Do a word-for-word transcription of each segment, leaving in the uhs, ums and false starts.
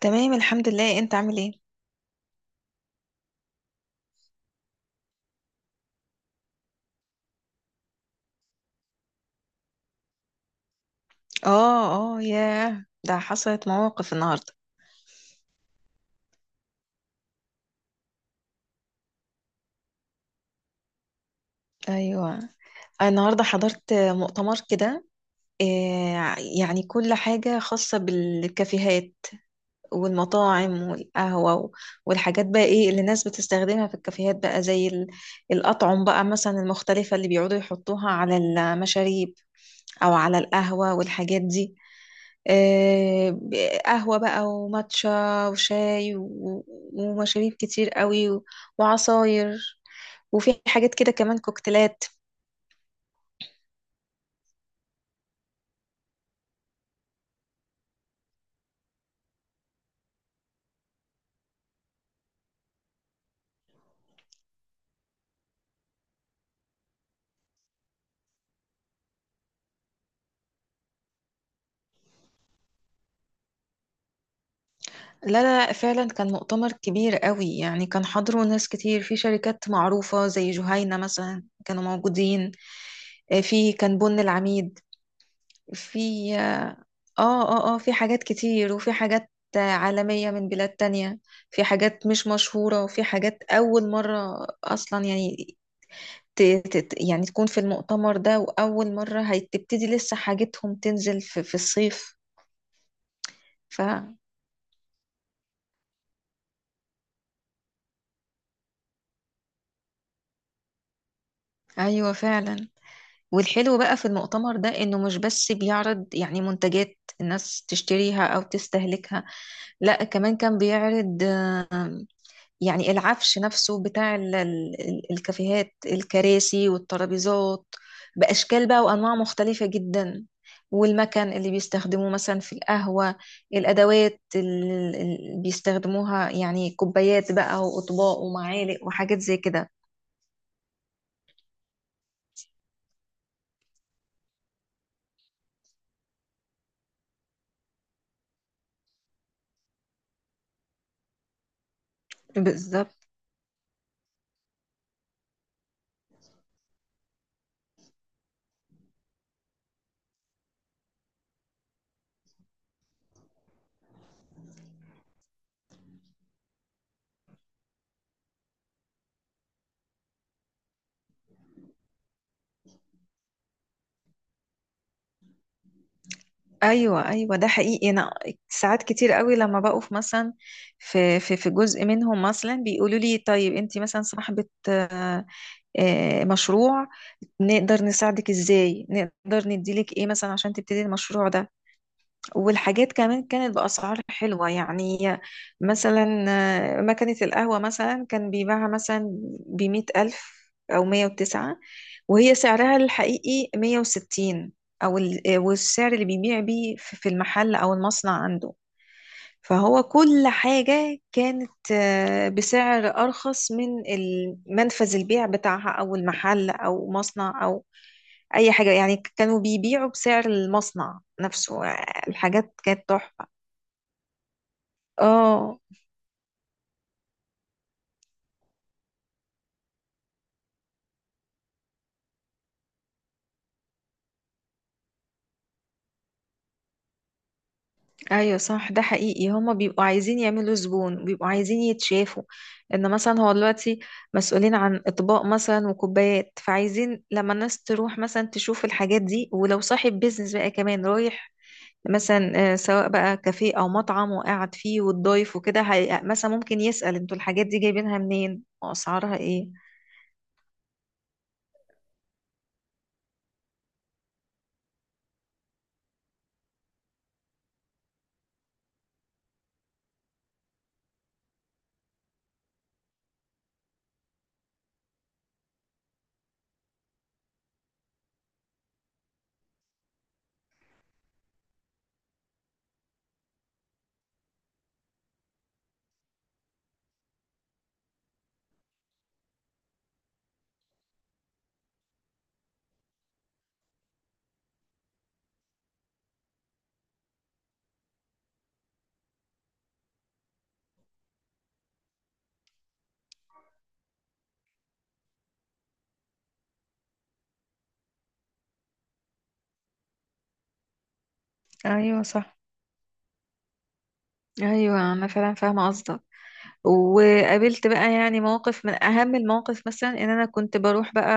تمام، الحمد لله. انت عامل ايه؟ اه اه ياه، ده حصلت مواقف النهارده. ايوه. النهارده حضرت مؤتمر كده. آه، يعني كل حاجه خاصه بالكافيهات والمطاعم والقهوة و- والحاجات بقى ايه اللي الناس بتستخدمها في الكافيهات بقى زي ال- الأطعم بقى مثلا المختلفة اللي بيقعدوا يحطوها على المشاريب أو على القهوة والحاجات دي. آه، ب- قهوة بقى وماتشا وشاي و- ومشاريب كتير قوي و- وعصاير، وفي حاجات كده كمان كوكتيلات. لا لا لا، فعلا كان مؤتمر كبير قوي، يعني كان حضره ناس كتير في شركات معروفة زي جهينة مثلا كانوا موجودين. آه، في كان بن العميد، في اه اه اه آه، في حاجات كتير، وفي حاجات آه، عالمية من بلاد تانية. في حاجات مش مشهورة، وفي حاجات أول مرة أصلا، يعني ت- ت- ت- يعني تكون في المؤتمر ده، وأول مرة هتبتدي لسه حاجتهم تنزل في, في الصيف. فأيوة، فعلا. والحلو بقى في المؤتمر ده انه مش بس بيعرض يعني منتجات الناس تشتريها او تستهلكها، لا كمان كان بيعرض آه، يعني العفش نفسه بتاع ال- ال- ال- الكافيهات، الكراسي والترابيزات بأشكال بقى وأنواع مختلفة جدا. والمكان اللي بيستخدموه مثلا في القهوة، الأدوات ال- اللي بيستخدموها، يعني كوبايات بقى وأطباق ومعالق وحاجات زي كده. بالظبط. ايوه، ايوه ده حقيقي. انا ساعات كتير قوي لما بقف مثلا في في في جزء منهم مثلا بيقولوا لي طيب انت مثلا صاحبة آه، آه، مشروع، نقدر نساعدك ازاي، نقدر نديلك ايه مثلا عشان تبتدي المشروع ده. والحاجات كمان كانت بأسعار حلوة يعني، مثلا آه، مكنة القهوة مثلا كان بيباعها مثلا بمية ألف أو مية وتسعة، وهي سعرها الحقيقي مية وستين، أو ال- آه، والسعر اللي بيبيع بيه في في المحل أو المصنع عنده. فهو كل حاجة كانت آه، بسعر أرخص من ال- منفذ البيع بتاعها أو المحل أو مصنع أو أي حاجة، يعني كانوا بيبيعوا بسعر المصنع نفسه. آه، الحاجات كانت تحفة. اه. ايوه، صح، ده حقيقي. هما بيبقوا عايزين يعملوا زبون، بيبقوا عايزين يتشافوا ان مثلا هو دلوقتي مسؤولين عن اطباق مثلا وكوبايات، فعايزين لما الناس تروح مثلا تشوف الحاجات دي، ولو صاحب بيزنس بقى كمان رايح مثلا آه، سواء بقى كافيه او مطعم وقاعد فيه والضيف وكده، هي- مثلا ممكن يسأل انتوا الحاجات دي جايبينها منين واسعارها ايه. ايوه، صح. ايوه، انا فعلا فاهمه قصدك. وقابلت بقى يعني مواقف، من اهم المواقف مثلا ان انا كنت بروح بقى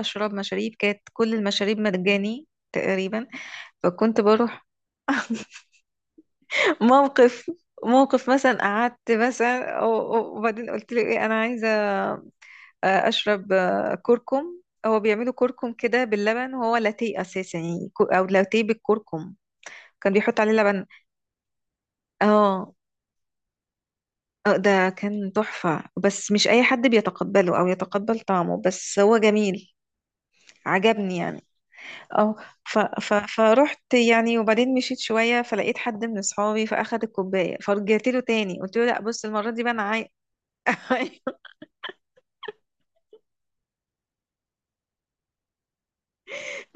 اشرب مشاريب، كانت كل المشاريب مجاني تقريبا. فكنت بروح. موقف، موقف مثلا قعدت مثلا و- و- وبعدين قلت له ايه، انا عايزه آه، اشرب آه، كركم. هو بيعملوا كركم كده باللبن، وهو لاتيه اساسا يعني، كو- او لاتيه بالكركم. كان بيحط عليه لبن. اه. آه، ده كان تحفة، بس مش اي حد بيتقبله او يتقبل طعمه، بس هو جميل. عجبني يعني. اه. ف... ف... فرحت يعني. وبعدين مشيت شوية فلقيت حد من اصحابي فاخد الكوباية، فرجعت له تاني قلت له لا، بص، المرة دي بقى انا عاي...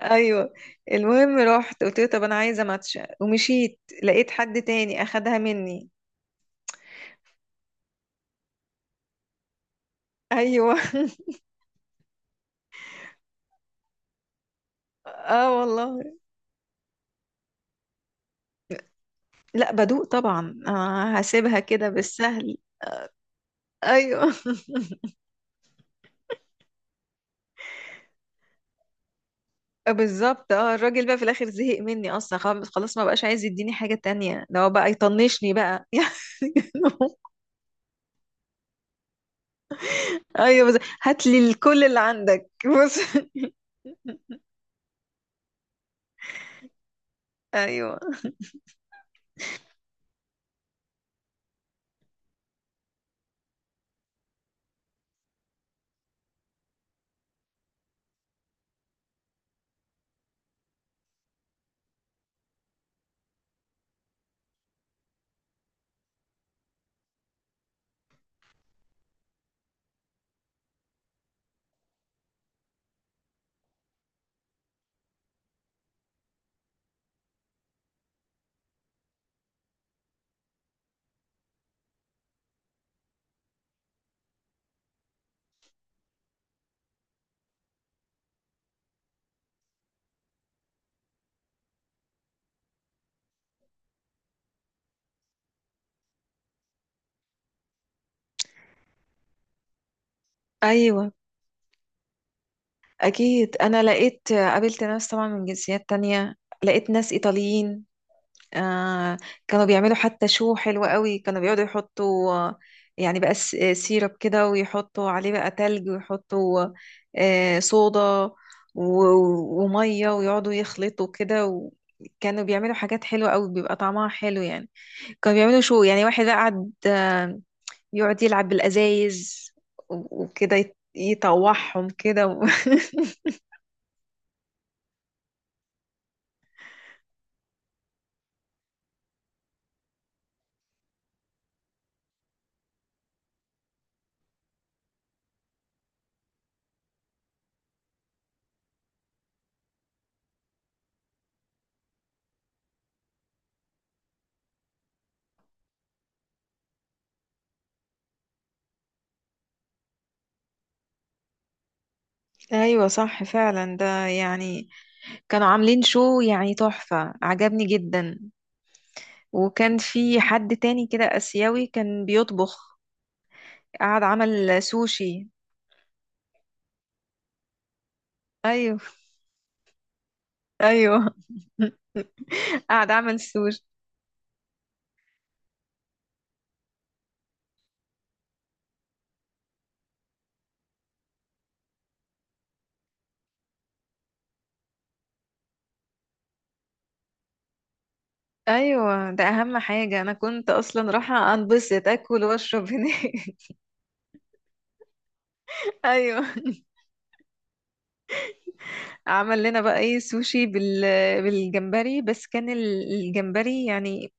ايوه. المهم رحت قلت له طب انا عايزه ماتشا، ومشيت لقيت حد تاني اخدها مني. ايوه. اه والله. لا بدوق طبعا، آه، هسيبها كده بالسهل. ايوه. بالظبط. اه، الراجل بقى في الاخر زهق مني اصلا، خلاص خلاص ما بقاش عايز يديني حاجه تانية، ده هو بقى يطنشني بقى يعني. ايوه. بس هات لي كل اللي عندك، بص. ايوه. ايوه أكيد، أنا لقيت قابلت ناس طبعا من جنسيات تانية، لقيت ناس إيطاليين. آه، كانوا بيعملوا حتى شو حلو قوي. كانوا بيقعدوا يحطوا آه، يعني بقى س- سيرب كده، ويحطوا عليه بقى تلج، ويحطوا آه صودا و- ومية، ويقعدوا يخلطوا كده و... كانوا بيعملوا حاجات حلوة قوي، بيبقى طعمها حلو يعني. كانوا بيعملوا شو يعني، واحد بقى قعد آه، يقعد يلعب بالأزايز، و- وكده يت- يطوعهم كده. ايوه، صح، فعلا. ده يعني كانوا عاملين شو يعني تحفة، عجبني جدا. وكان في حد تاني كده آسيوي كان بيطبخ، قعد عمل سوشي. ايوه. ايوه قعد عمل سوشي. ايوه، ده اهم حاجة، انا كنت اصلا رايحة انبسط اكل واشرب هناك. ايوه. عمل لنا بقى ايه سوشي بال... بالجمبري، بس كان ال- الجمبري يعني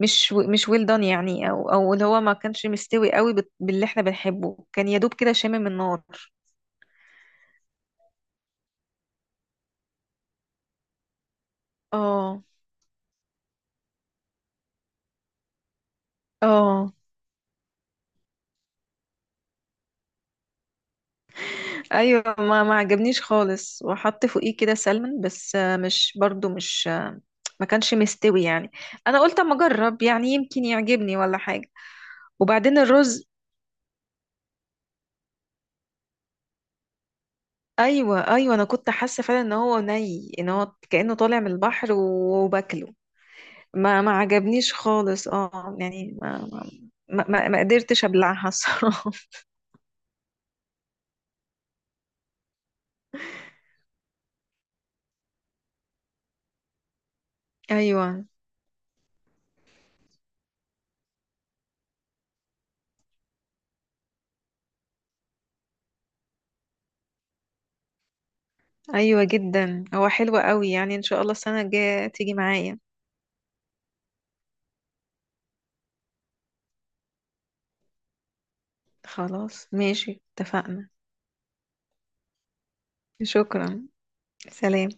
مش و- مش ويل دان يعني، او او اللي هو ما كانش مستوي قوي بت- باللي احنا بنحبه، كان يا دوب كده شامم النار. اه اه. ايوه، ما ما عجبنيش خالص. وحط فوقيه كده سلمون، بس آه، مش برضو مش آه، ما كانش مستوي يعني. انا قلت اما اجرب يعني، يمكن يعجبني ولا حاجه. وبعدين الرز. ايوه، ايوه انا كنت حاسه فعلا ان هو ني، ان هو كانه طالع من البحر وباكله. ما ما عجبنيش خالص، اه يعني ما ما ما, ما ما قدرتش ابلعها، الصراحه. ايوه. ايوه جدا، هو حلو قوي يعني، ان شاء الله السنه الجايه تيجي معايا. خلاص، ماشي، اتفقنا. شكرا. سلام.